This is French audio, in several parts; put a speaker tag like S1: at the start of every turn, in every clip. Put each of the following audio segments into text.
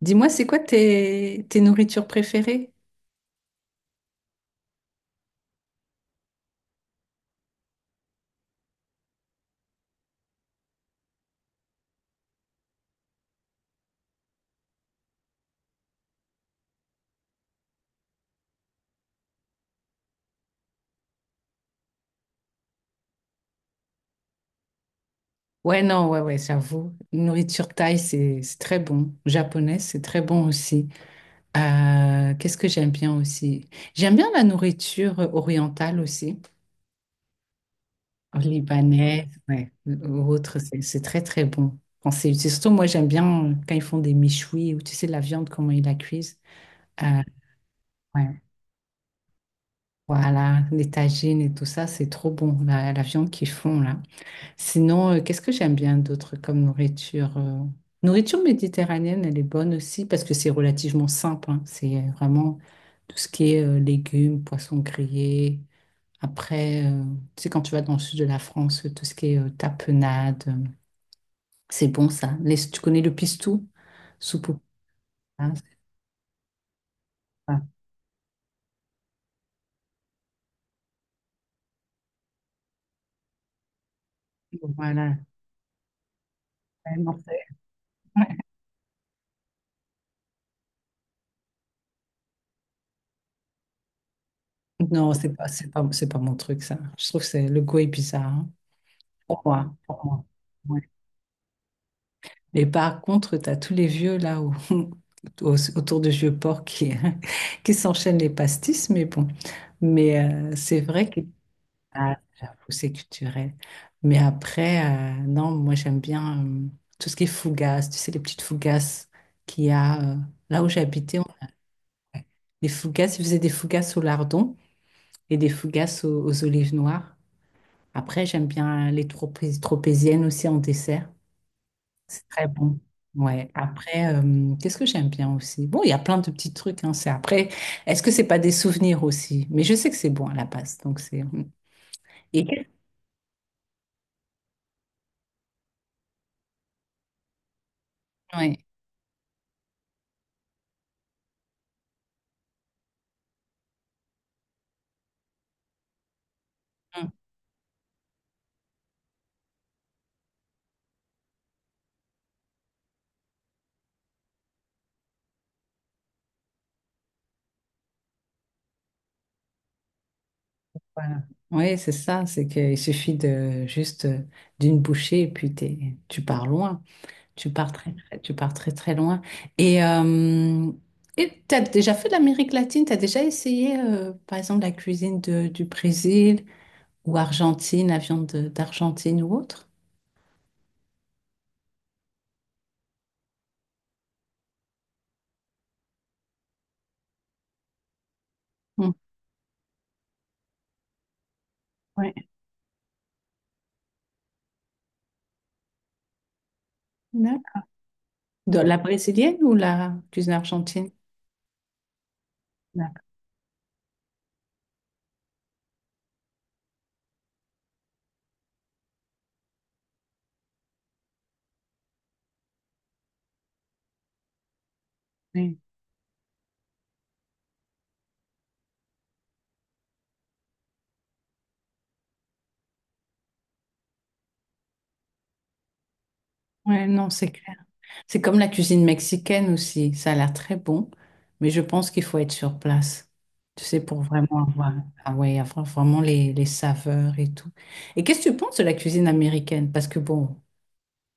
S1: Dis-moi, c'est quoi tes nourritures préférées? Ouais, non, ouais, ouais, j'avoue. Nourriture thaï, c'est très bon. Japonaise, c'est très bon aussi. Qu'est-ce que j'aime bien aussi? J'aime bien la nourriture orientale aussi. Libanais, ouais, ou autre, c'est très, très bon. Quand c'est surtout, moi, j'aime bien quand ils font des méchouis, ou tu sais, la viande, comment ils la cuisent. Euh, ouais, voilà, les tagines et tout ça, c'est trop bon, la viande qu'ils font là. Sinon, qu'est-ce que j'aime bien d'autre comme nourriture? Nourriture méditerranéenne, elle est bonne aussi parce que c'est relativement simple, hein. C'est vraiment tout ce qui est légumes, poissons grillés. Après, tu sais, quand tu vas dans le sud de la France, tout ce qui est tapenade, c'est bon ça. Tu connais le pistou? Soupe au hein, c'est pas- bon, voilà. Ouais, non, non, c'est pas mon truc, ça. Je trouve que c'est, le goût est bizarre, hein. Pour moi. Mais par contre, tu as tous les vieux là autour de vieux porcs qui, qui s'enchaînent les pastis, mais bon. Mais c'est vrai que ah, j'avoue, c'est culturel. Mais après, non, moi j'aime bien tout ce qui est fougasse, tu sais, les petites fougasses qu'il y a là où j'habitais. Les fougasses, ils faisaient des fougasses au lardon et des fougasses aux olives noires. Après, j'aime bien les tropéziennes aussi en dessert. C'est très bon. Ouais. Après, qu'est-ce que j'aime bien aussi? Bon, il y a plein de petits trucs, hein, c'est après. Est-ce que c'est pas des souvenirs aussi? Mais je sais que c'est bon à la base, donc c'est. Mmh. Et ouais. Hum, voilà. Ouais, c'est ça, c'est qu'il suffit de juste d'une bouchée et puis tu pars loin, tu pars tu pars très très loin. Et euh, et t'as déjà fait l'Amérique latine? T'as déjà essayé, par exemple, la cuisine du Brésil ou Argentine, la viande d'Argentine ou autre? Mmh. Ouais, d'accord. Dans la brésilienne ou la cuisine argentine? D'accord. Oui. Ouais, non, c'est clair. C'est comme la cuisine mexicaine aussi. Ça a l'air très bon, mais je pense qu'il faut être sur place. Tu sais, pour vraiment avoir, ah ouais, avoir vraiment les saveurs et tout. Et qu'est-ce que tu penses de la cuisine américaine? Parce que bon,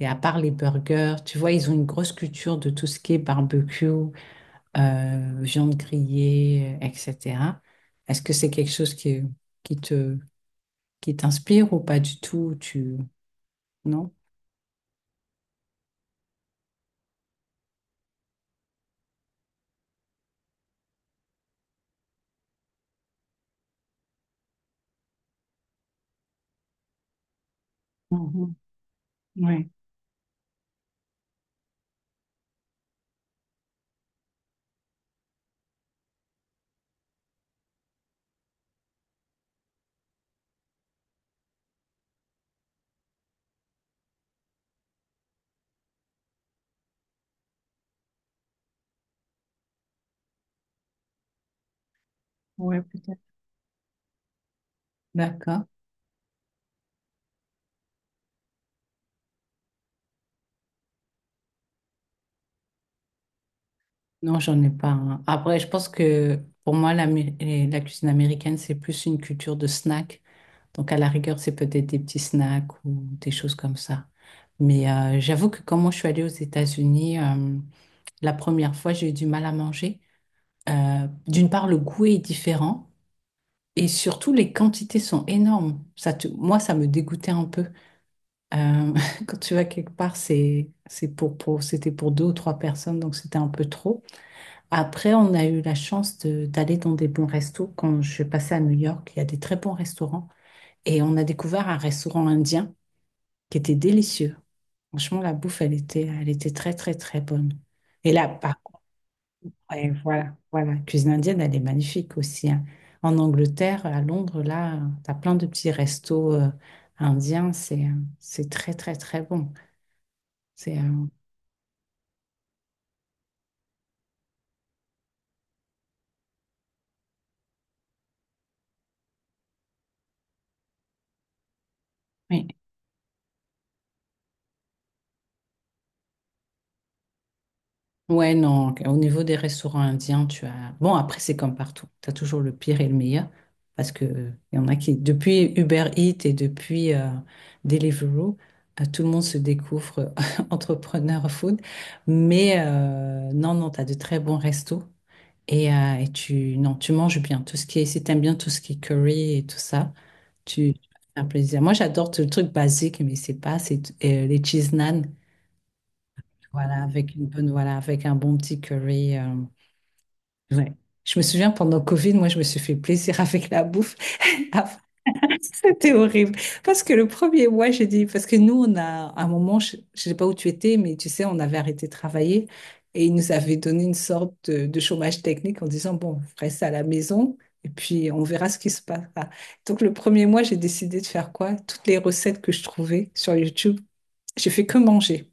S1: et à part les burgers, tu vois, ils ont une grosse culture de tout ce qui est barbecue, viande grillée, etc. Est-ce que c'est quelque chose qui te, qui t'inspire ou pas du tout? Tu... Non? Mhm. Ouais, ouais, peut-être. D'accord. Non, j'en ai pas, hein. Après, je pense que pour moi, la, et la cuisine américaine, c'est plus une culture de snack. Donc, à la rigueur, c'est peut-être des petits snacks ou des choses comme ça. Mais j'avoue que quand moi, je suis allée aux États-Unis, la première fois, j'ai eu du mal à manger. D'une part, le goût est différent et surtout, les quantités sont énormes. Moi, ça me dégoûtait un peu. Euh, quand tu vas quelque part, c'était pour deux ou trois personnes, donc c'était un peu trop. Après, on a eu la chance d'aller dans des bons restos. Quand je suis passée à New York, il y a des très bons restaurants. Et on a découvert un restaurant indien qui était délicieux. Franchement, la bouffe, elle était très bonne. Et là, par contre, ouais, voilà, la cuisine indienne, elle est magnifique aussi, hein. En Angleterre, à Londres, là, tu as plein de petits restos indiens. C'est très, très, très bon. C'est, euh, oui. Ouais, non, au niveau des restaurants indiens, tu as... Bon, après, c'est comme partout. Tu as toujours le pire et le meilleur. Parce que il y en a qui, depuis Uber Eats et depuis Deliveroo, tout le monde se découvre entrepreneur food. Mais non, non, tu as de très bons restos. Et tu, non, tu manges bien. Tout ce qui est, si t'aimes bien tout ce qui est curry et tout ça, tu as un plaisir. Moi, j'adore le truc basique, mais c'est pas, c'est les cheese naan. Voilà, avec un bon petit curry. Ouais. Je me souviens pendant Covid, moi je me suis fait plaisir avec la bouffe. Après, c'était horrible. Parce que le premier mois, j'ai dit, parce que nous, on a à un moment, je ne sais pas où tu étais, mais tu sais, on avait arrêté de travailler et ils nous avaient donné une sorte de chômage technique en disant, bon, vous ça à la maison et puis on verra ce qui se passe. Donc le premier mois, j'ai décidé de faire quoi? Toutes les recettes que je trouvais sur YouTube, j'ai fait que manger.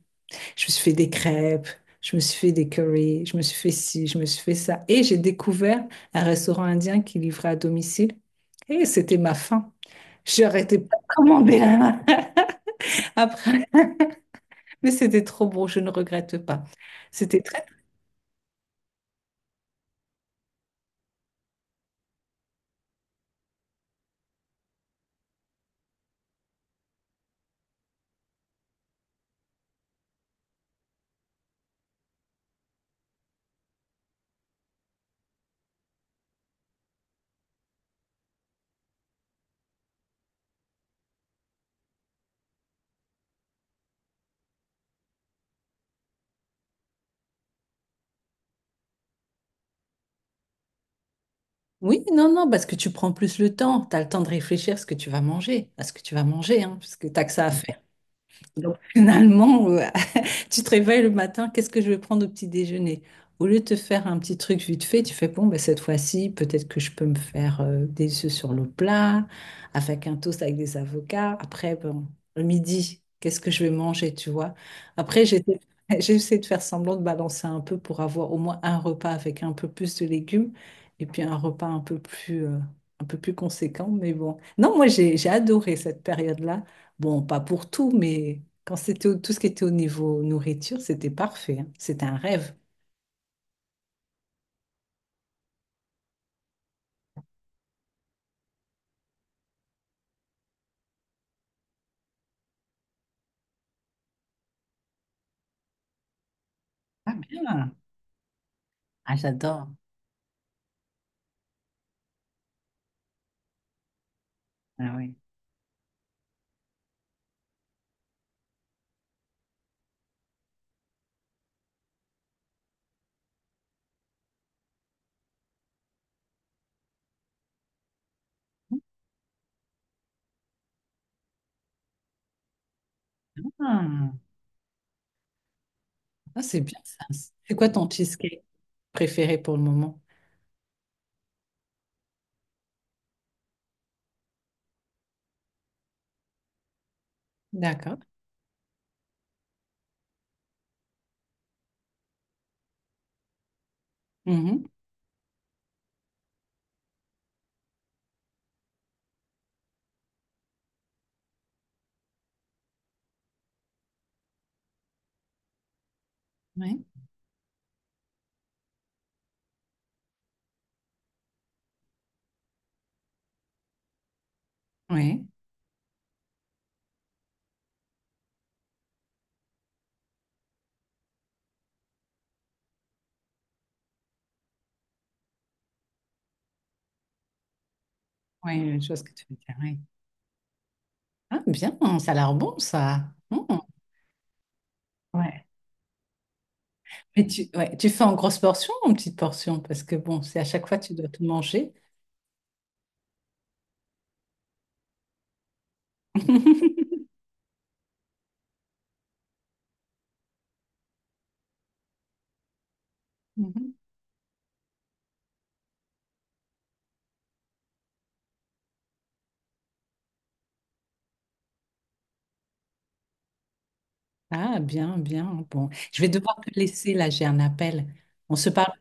S1: Je me suis fait des crêpes, je me suis fait des curry, je me suis fait ci, je me suis fait ça. Et j'ai découvert un restaurant indien qui livrait à domicile. Et c'était ma faim. J'ai arrêté pas de commander là, après. Mais c'était trop bon, je ne regrette pas. C'était très... Oui, non, non, parce que tu prends plus le temps. Tu as le temps de réfléchir à ce que tu vas manger, à ce que tu vas manger, hein, parce que tu que ça à faire. Donc finalement, tu te réveilles le matin, qu'est-ce que je vais prendre au petit déjeuner? Au lieu de te faire un petit truc vite fait, tu fais, bon, ben, cette fois-ci, peut-être que je peux me faire des œufs sur le plat, avec un toast avec des avocats. Après, bon, le midi, qu'est-ce que je vais manger, tu vois? Après, j'essaie de faire semblant de balancer un peu pour avoir au moins un repas avec un peu plus de légumes et puis un repas un peu plus conséquent. Mais bon, non, moi, j'ai adoré cette période-là. Bon, pas pour tout, mais quand c'était tout ce qui était au niveau nourriture, c'était parfait, hein. C'était un rêve. Ah bien. Ah, j'adore. Ah oui. Ah. Ah, c'est bien ça. C'est quoi ton cheesecake préféré pour le moment? D'accord. Mhm. Oui, oui, oui, je vois ce que tu veux dire. Oui. Ah, bien, ça a l'air bon, ça. Mhm. Ouais. Mais tu, ouais, tu fais en grosse portion ou en petite portion? Parce que bon, c'est à chaque fois tu dois tout manger. Mhm. Ah, bien, bien. Bon, je vais devoir te laisser là, j'ai un appel. On se parle.